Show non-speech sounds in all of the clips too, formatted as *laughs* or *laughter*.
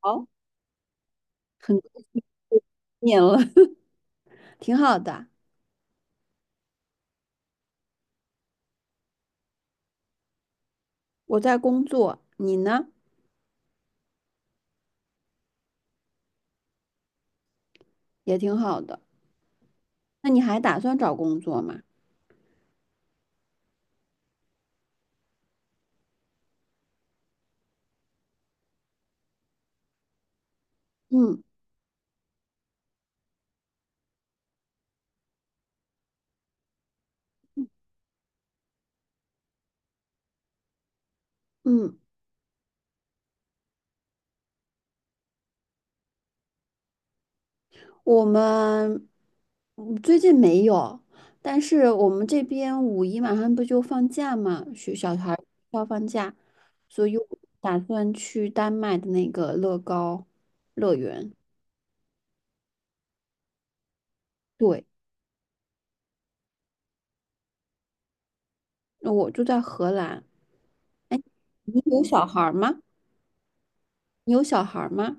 好，很多年了，*laughs* 挺好的。我在工作，你呢？也挺好的。那你还打算找工作吗？嗯嗯，我们最近没有，但是我们这边五一马上不就放假嘛，学小孩儿要放假，所以我打算去丹麦的那个乐高乐园。对，那我住在荷兰。哎，你有小孩儿吗？你有小孩儿吗？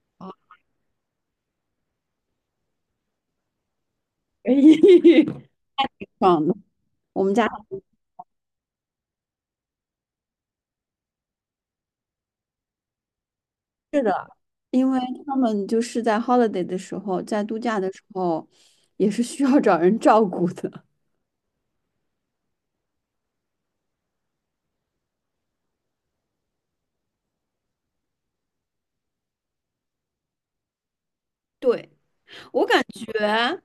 *laughs* 啊，可以。*laughs* 爽的。我们家是的，因为他们就是在 holiday 的时候，在度假的时候，也是需要找人照顾的。对，我感觉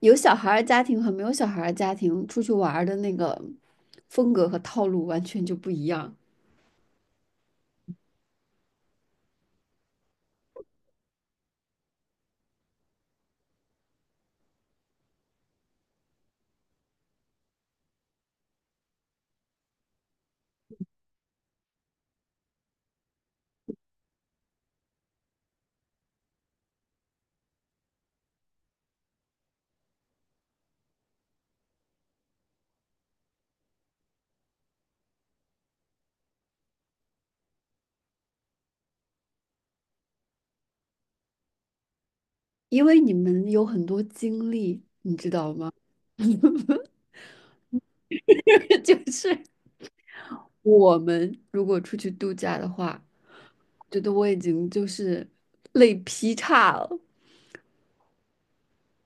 有小孩儿家庭和没有小孩儿家庭出去玩儿的那个风格和套路完全就不一样，因为你们有很多经历，你知道吗？*laughs* 就是我们如果出去度假的话，觉得我已经就是累劈叉了。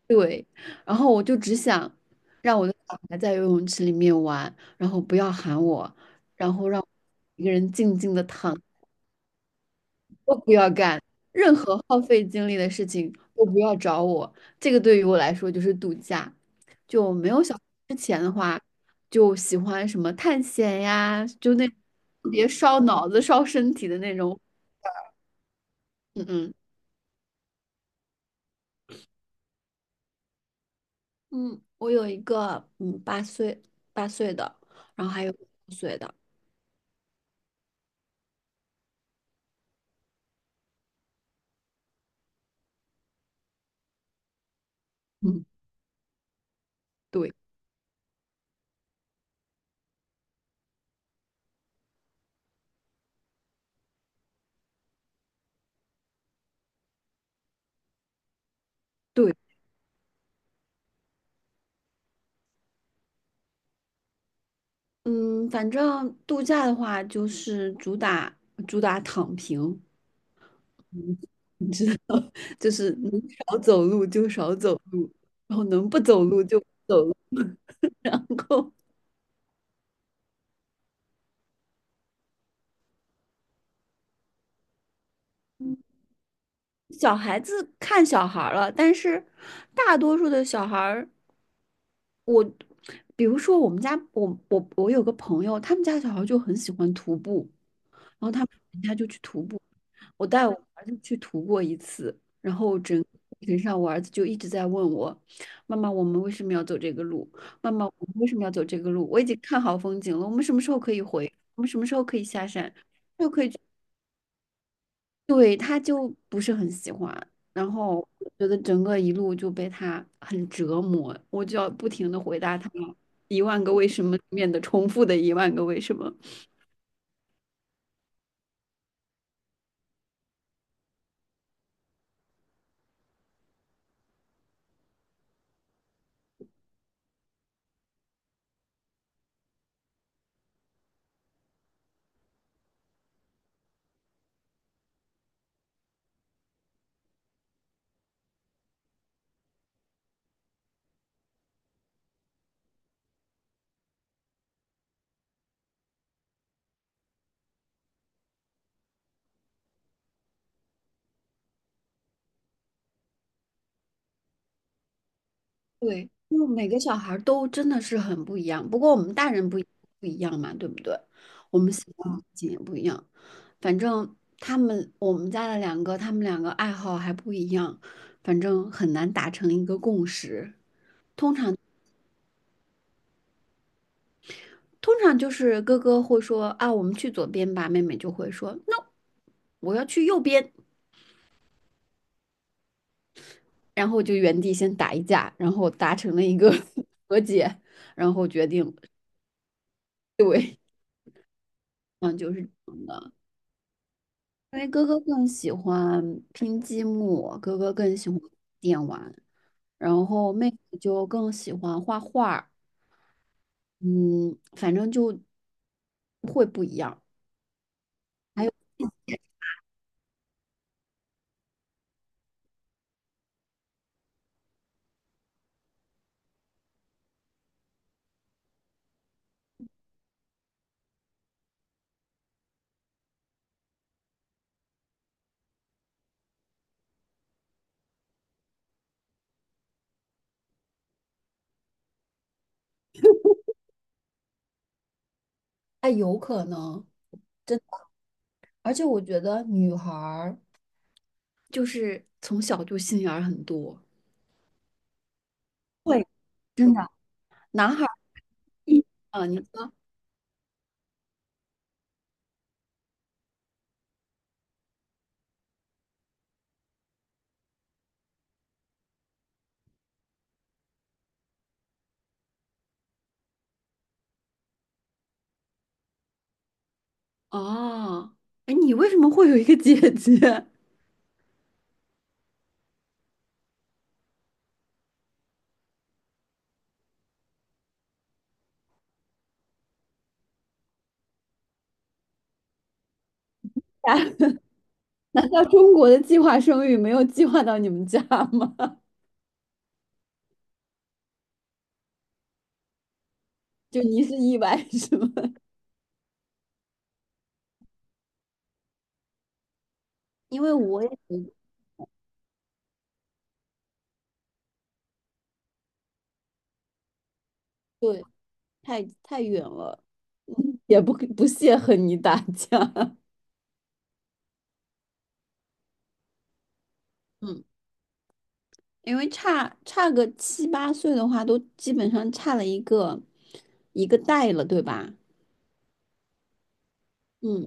对，然后我就只想让我的小孩在游泳池里面玩，然后不要喊我，然后让我一个人静静的躺，都不要干任何耗费精力的事情，都不要找我。这个对于我来说就是度假。就没有小孩之前的话，就喜欢什么探险呀，就那特别烧脑子、烧身体的那种。嗯嗯，嗯，我有一个八岁的，然后还有5岁的。嗯，对。对，嗯，反正度假的话，就是主打主打躺平，*laughs* 你知道，*laughs* 就是能少走路就少走路，然后能不走路就不走路，*laughs* 然后小孩子看小孩儿了，但是大多数的小孩儿，我比如说我们家，我有个朋友，他们家小孩就很喜欢徒步，然后他们人家就去徒步，我带我儿子去徒过一次，然后整个过程上我儿子就一直在问我，妈妈，我们为什么要走这个路？妈妈，我们为什么要走这个路？我已经看好风景了，我们什么时候可以回？我们什么时候可以下山？就可以去，对，他就不是很喜欢。然后我觉得整个一路就被他很折磨，我就要不停的回答他一万个为什么里面的重复的一万个为什么。对，因为每个小孩儿都真的是很不一样，不过我们大人不一样嘛，对不对？我们喜欢的事情也不一样，反正他们我们家的两个，他们两个爱好还不一样，反正很难达成一个共识。通常就是哥哥会说啊，我们去左边吧，妹妹就会说 no，我要去右边，然后就原地先打一架，然后达成了一个 *laughs* 和解，然后决定。对，*laughs* 嗯，就是这样的。因为哥哥更喜欢拼积木，哥哥更喜欢电玩，然后妹妹就更喜欢画画儿。嗯，反正就会不一样。哎，有可能，真的，而且我觉得女孩儿就是从小就心眼儿很多，会，真的。男孩儿 *laughs* 一啊，你说啊，哎，你为什么会有一个姐姐？*laughs* 难道中国的计划生育没有计划到你们家吗？就你是意外 *laughs* 是吗？因为我也不对太远了，也不屑和你打架。嗯，因为差个七八岁的话，都基本上差了一个代了，对吧？嗯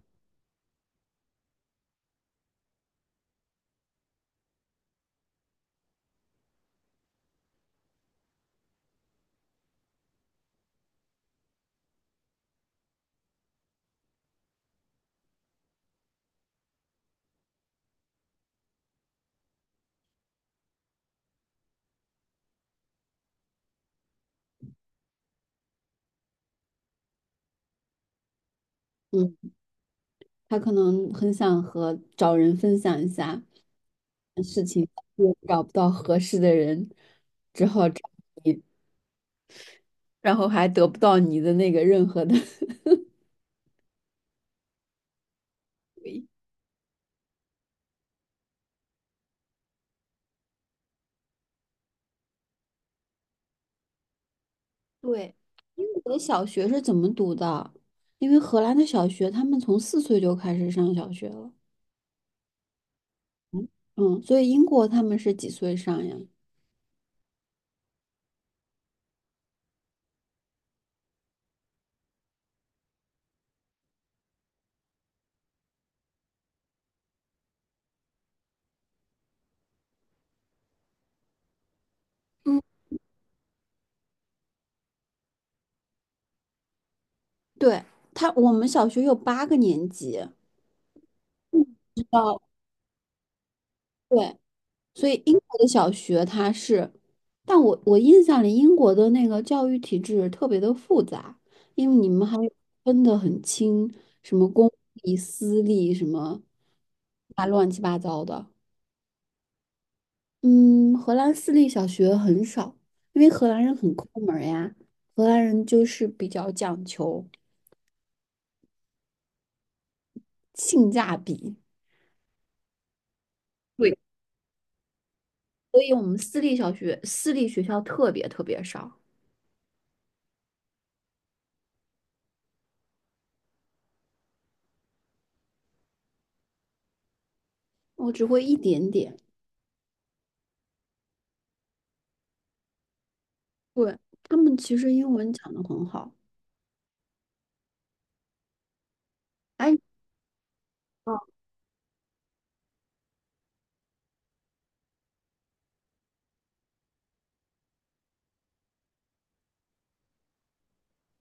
嗯，他可能很想和找人分享一下，也找不到合适的人，只好找你，然后还得不到你的那个任何的 *laughs* 回应。对，英国的小学是怎么读的？因为荷兰的小学，他们从4岁就开始上小学了。嗯，所以英国他们是几岁上呀？嗯，对，他，我们小学有8个年级。嗯，知道。对，所以英国的小学它是，但我印象里英国的那个教育体制特别的复杂，因为你们还分得很清，什么公立、私立，什么啊乱七八糟的。嗯，荷兰私立小学很少，因为荷兰人很抠门儿呀。荷兰人就是比较讲求性价比，对，所以我们私立小学、私立学校特别特别少，我只会一点点。对，他们其实英文讲的很好。哎，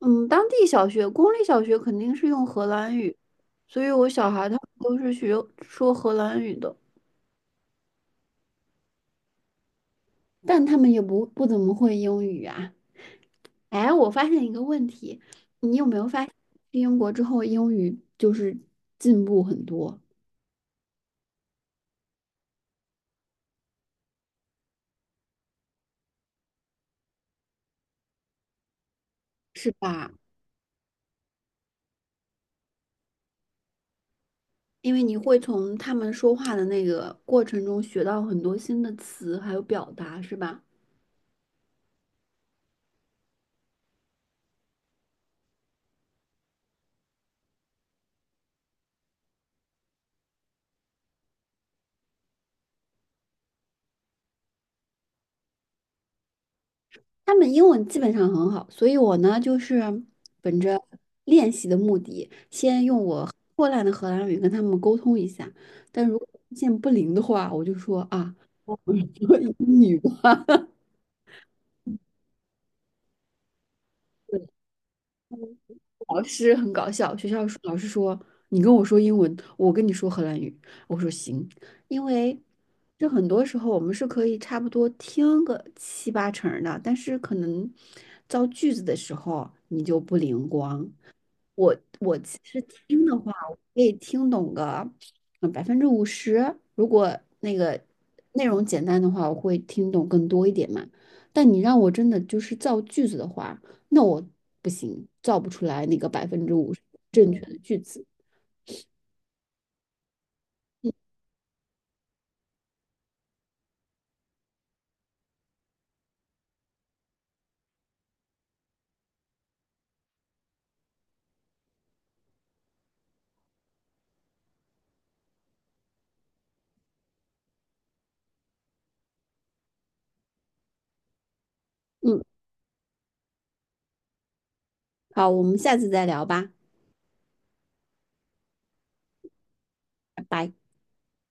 嗯，当地小学、公立小学肯定是用荷兰语，所以我小孩他们都是学说荷兰语的，但他们也不怎么会英语啊。哎，我发现一个问题，你有没有发？去英国之后，英语就是进步很多，是吧？因为你会从他们说话的那个过程中学到很多新的词，还有表达，是吧？他们英文基本上很好，所以我呢就是本着练习的目的，先用我破烂的荷兰语跟他们沟通一下。但如果发现不灵的话，我就说啊，*laughs* 说英语吧。*laughs* 老师很搞笑，学校说老师说你跟我说英文，我跟你说荷兰语。我说行，因为就很多时候我们是可以差不多听个七八成儿的，但是可能造句子的时候你就不灵光。是听的话，我可以听懂个百分之五十。如果那个内容简单的话，我会听懂更多一点嘛。但你让我真的就是造句子的话，那我不行，造不出来那个百分之五十正确的句子。嗯，好，我们下次再聊吧，拜拜。